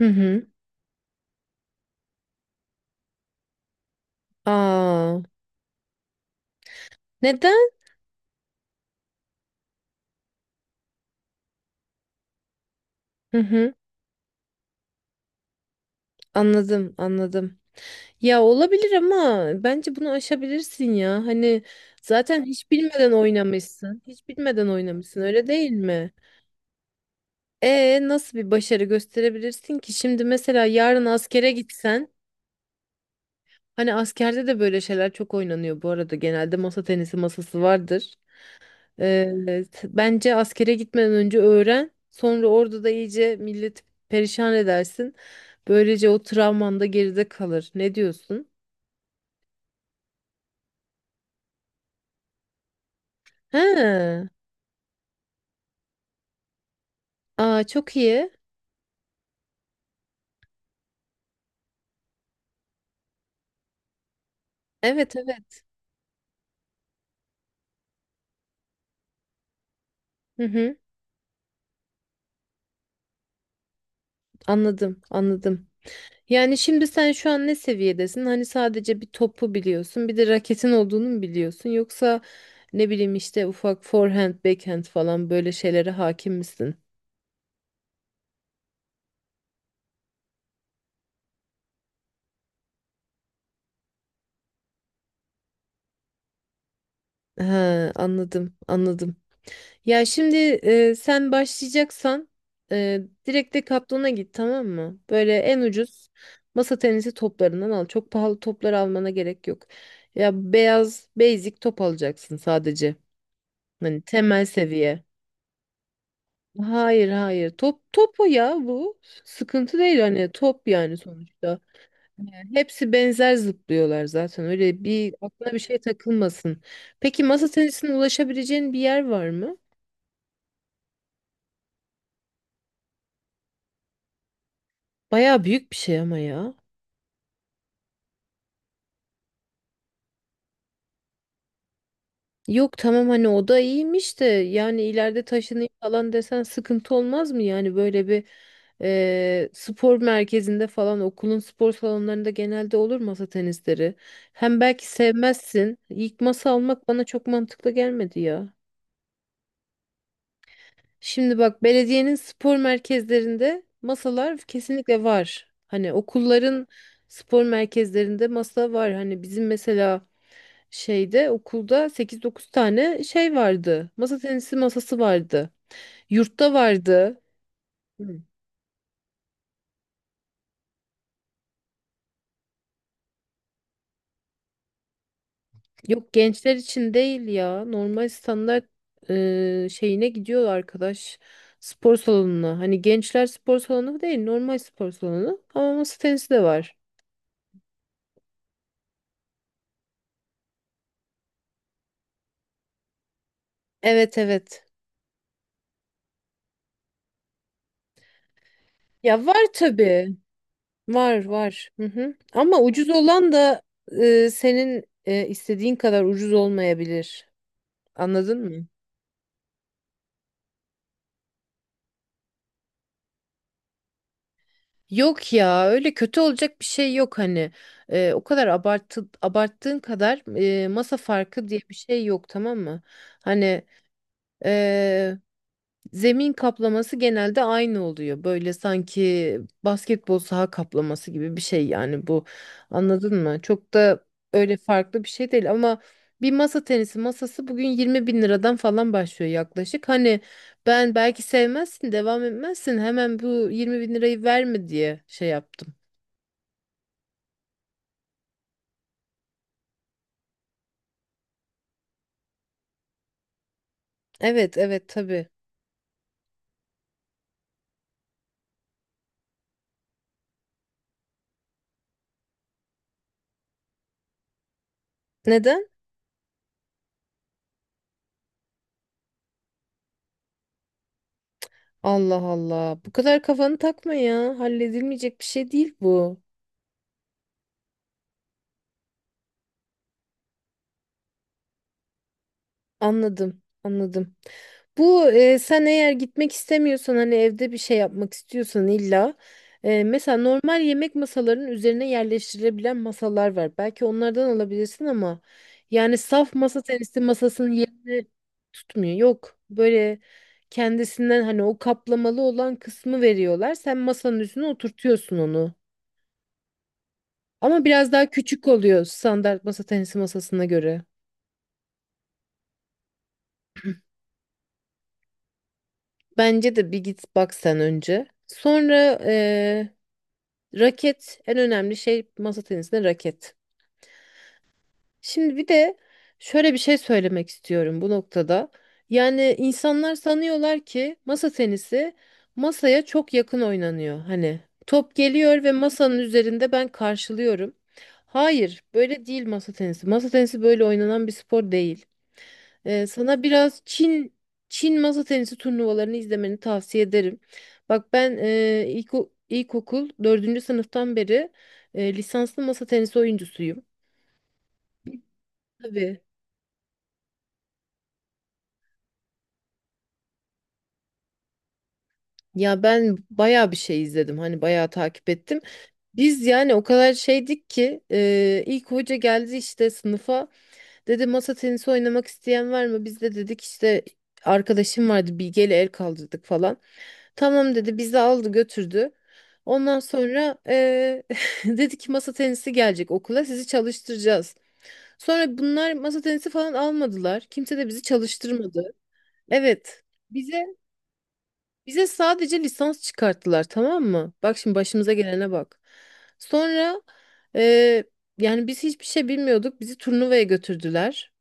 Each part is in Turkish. Hı hı. Aa, neden? Hı hı. Anladım, anladım. Ya olabilir ama bence bunu aşabilirsin ya. Hani zaten hiç bilmeden oynamışsın. Hiç bilmeden oynamışsın, öyle değil mi? E nasıl bir başarı gösterebilirsin ki? Şimdi mesela yarın askere gitsen, hani askerde de böyle şeyler çok oynanıyor bu arada. Genelde masa tenisi masası vardır. Evet, bence askere gitmeden önce öğren. Sonra orada da iyice milleti perişan edersin. Böylece o travman da geride kalır. Ne diyorsun? He. Aa, çok iyi. Evet, evet. Hı hı, anladım, anladım. Yani şimdi sen şu an ne seviyedesin? Hani sadece bir topu biliyorsun, bir de raketin olduğunu mu biliyorsun? Yoksa ne bileyim işte ufak forehand, backhand falan böyle şeylere hakim misin? Ha, anladım, anladım. Ya şimdi, sen başlayacaksan, e, direkt Decathlon'a git, tamam mı? Böyle en ucuz masa tenisi toplarından al. Çok pahalı toplar almana gerek yok. Ya beyaz basic top alacaksın sadece. Hani temel seviye. Hayır hayır, top topu ya bu. Sıkıntı değil hani, top yani sonuçta. Yani hepsi benzer zıplıyorlar zaten. Öyle bir aklına bir şey takılmasın. Peki masa tenisine ulaşabileceğin bir yer var mı? Baya büyük bir şey ama ya. Yok tamam, hani o da iyiymiş de yani ileride taşınayım falan desen sıkıntı olmaz mı? Yani böyle bir spor merkezinde falan, okulun spor salonlarında genelde olur masa tenisleri. Hem belki sevmezsin. İlk masa almak bana çok mantıklı gelmedi ya. Şimdi bak, belediyenin spor merkezlerinde masalar kesinlikle var. Hani okulların spor merkezlerinde masa var. Hani bizim mesela şeyde okulda sekiz dokuz tane şey vardı. Masa tenisi masası vardı. Yurtta vardı. Hı. Yok, gençler için değil ya. Normal standart şeyine gidiyor arkadaş. Spor salonuna. Hani gençler spor salonu değil, normal spor salonu. Ama masa tenisi de var. Evet evet. Ya var tabii. Var var. Hı hı. Ama ucuz olan da, senin istediğin kadar ucuz olmayabilir. Anladın mı? Yok ya, öyle kötü olacak bir şey yok hani. O kadar abarttığın kadar, masa farkı diye bir şey yok, tamam mı? Hani, e, zemin kaplaması genelde aynı oluyor, böyle sanki basketbol saha kaplaması gibi bir şey yani bu, anladın mı? Çok da öyle farklı bir şey değil, ama bir masa tenisi masası bugün 20 bin liradan falan başlıyor yaklaşık, hani ben belki sevmezsin devam etmezsin hemen bu 20 bin lirayı verme diye şey yaptım. Evet evet tabii. Neden? Allah Allah. Bu kadar kafanı takma ya. Halledilmeyecek bir şey değil bu. Anladım, anladım. Bu, sen eğer gitmek istemiyorsan, hani evde bir şey yapmak istiyorsan illa, mesela normal yemek masalarının üzerine yerleştirilebilen masalar var. Belki onlardan alabilirsin ama yani saf masa tenisi masasının yerini tutmuyor. Yok. Böyle kendisinden, hani o kaplamalı olan kısmı veriyorlar. Sen masanın üstüne oturtuyorsun onu. Ama biraz daha küçük oluyor standart masa tenisi masasına göre. Bence de bir git bak sen önce. Sonra raket en önemli şey masa tenisinde, raket. Şimdi bir de şöyle bir şey söylemek istiyorum bu noktada. Yani insanlar sanıyorlar ki masa tenisi masaya çok yakın oynanıyor. Hani top geliyor ve masanın üzerinde ben karşılıyorum. Hayır, böyle değil masa tenisi. Masa tenisi böyle oynanan bir spor değil. Sana biraz Çin masa tenisi turnuvalarını izlemeni tavsiye ederim. Bak ben, ilkokul dördüncü sınıftan beri lisanslı masa tenisi oyuncusuyum. Tabii. Ya ben bayağı bir şey izledim. Hani bayağı takip ettim. Biz yani o kadar şeydik ki, ilk hoca geldi işte sınıfa. Dedi masa tenisi oynamak isteyen var mı? Biz de dedik işte arkadaşım vardı Bilge ile el kaldırdık falan. Tamam dedi, bizi aldı götürdü. Ondan sonra dedi ki masa tenisi gelecek okula sizi çalıştıracağız. Sonra bunlar masa tenisi falan almadılar. Kimse de bizi çalıştırmadı. Evet, bize bize sadece lisans çıkarttılar, tamam mı? Bak şimdi başımıza gelene bak. Sonra eee, yani biz hiçbir şey bilmiyorduk, bizi turnuvaya götürdüler.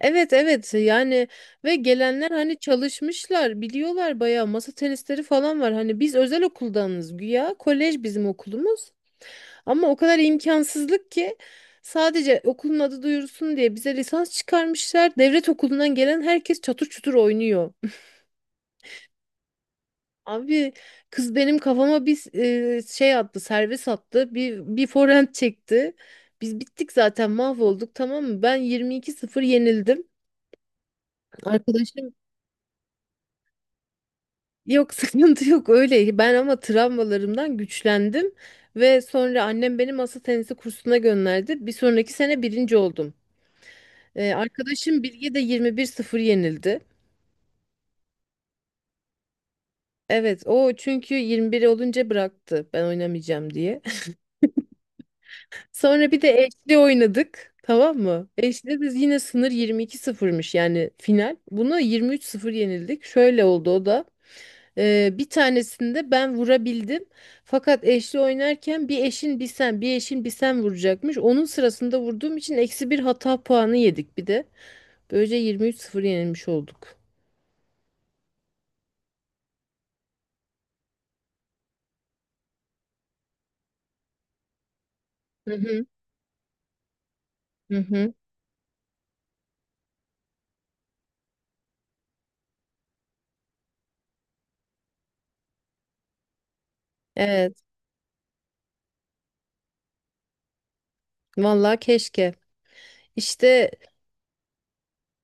Evet evet yani, ve gelenler hani çalışmışlar biliyorlar, bayağı masa tenisleri falan var hani, biz özel okuldanız güya, kolej bizim okulumuz, ama o kadar imkansızlık ki sadece okulun adı duyursun diye bize lisans çıkarmışlar, devlet okulundan gelen herkes çatır çutur oynuyor. Abi, kız benim kafama bir şey attı, servis attı, bir forehand çekti, biz bittik zaten, mahvolduk, tamam mı, ben 22-0 yenildim. Arkadaşım Yok, sıkıntı yok öyle. Ben ama travmalarımdan güçlendim ve sonra annem beni masa tenisi kursuna gönderdi. Bir sonraki sene birinci oldum. Arkadaşım Bilge de 21-0 yenildi. Evet o çünkü 21 olunca bıraktı, ben oynamayacağım diye. Sonra bir de eşli oynadık, tamam mı? Eşli de yine sınır 22-0'mış yani, final. Buna 23-0 yenildik. Şöyle oldu o da. Bir tanesinde ben vurabildim. Fakat eşli oynarken bir eşin bir sen, bir eşin bir sen vuracakmış. Onun sırasında vurduğum için eksi bir hata puanı yedik bir de. Böylece 23 sıfır yenilmiş olduk. Hı hı. Hı hı. Evet. Vallahi keşke. İşte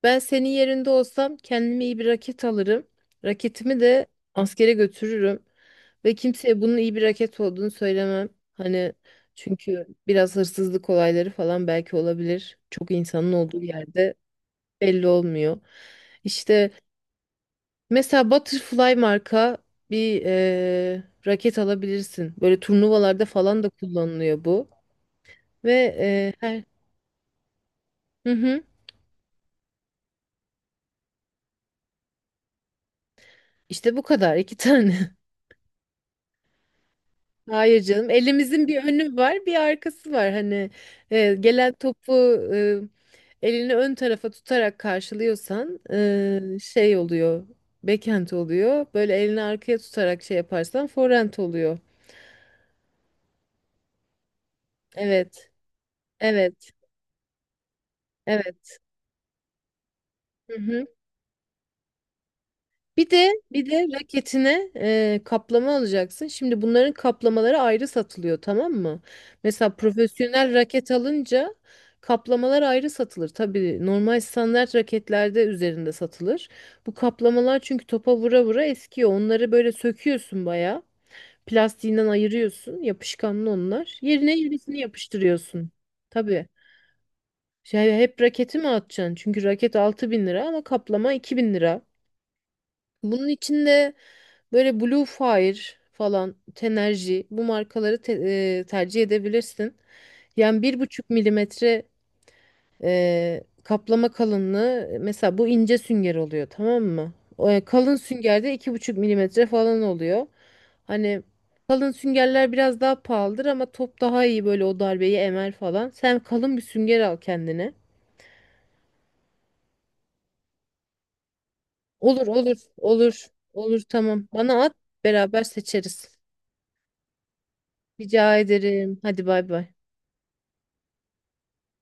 ben senin yerinde olsam kendime iyi bir raket alırım. Raketimi de askere götürürüm. Ve kimseye bunun iyi bir raket olduğunu söylemem. Hani çünkü biraz hırsızlık olayları falan belki olabilir. Çok insanın olduğu yerde belli olmuyor. İşte mesela Butterfly marka bir raket alabilirsin. Böyle turnuvalarda falan da kullanılıyor bu. Ve eee, her... Hı hı. İşte bu kadar, iki tane. Hayır canım. Elimizin bir önü var, bir arkası var. Hani, gelen topu, e, elini ön tarafa tutarak karşılıyorsan, şey oluyor. Backhand oluyor. Böyle elini arkaya tutarak şey yaparsan forehand oluyor. Evet. Evet. Evet. Hı hı. Bir de raketine, kaplama alacaksın. Şimdi bunların kaplamaları ayrı satılıyor, tamam mı? Mesela profesyonel raket alınca kaplamalar ayrı satılır. Tabii normal standart raketlerde üzerinde satılır. Bu kaplamalar çünkü topa vura vura eskiyor. Onları böyle söküyorsun bayağı. Plastiğinden ayırıyorsun. Yapışkanlı onlar. Yerine yenisini yapıştırıyorsun. Tabii. Şey, hep raketi mi atacaksın? Çünkü raket 6.000 lira ama kaplama 2.000 lira. Bunun içinde böyle Blue Fire falan, Tenergy, bu markaları tercih edebilirsin. Yani 1,5 mm kaplama kalınlığı, mesela bu ince sünger oluyor, tamam mı? O, kalın süngerde 2,5 mm falan oluyor. Hani kalın süngerler biraz daha pahalıdır ama top daha iyi böyle o darbeyi emer falan. Sen kalın bir sünger al kendine. Olur olur olur olur, tamam bana at, beraber seçeriz. Rica ederim. Hadi bay bay.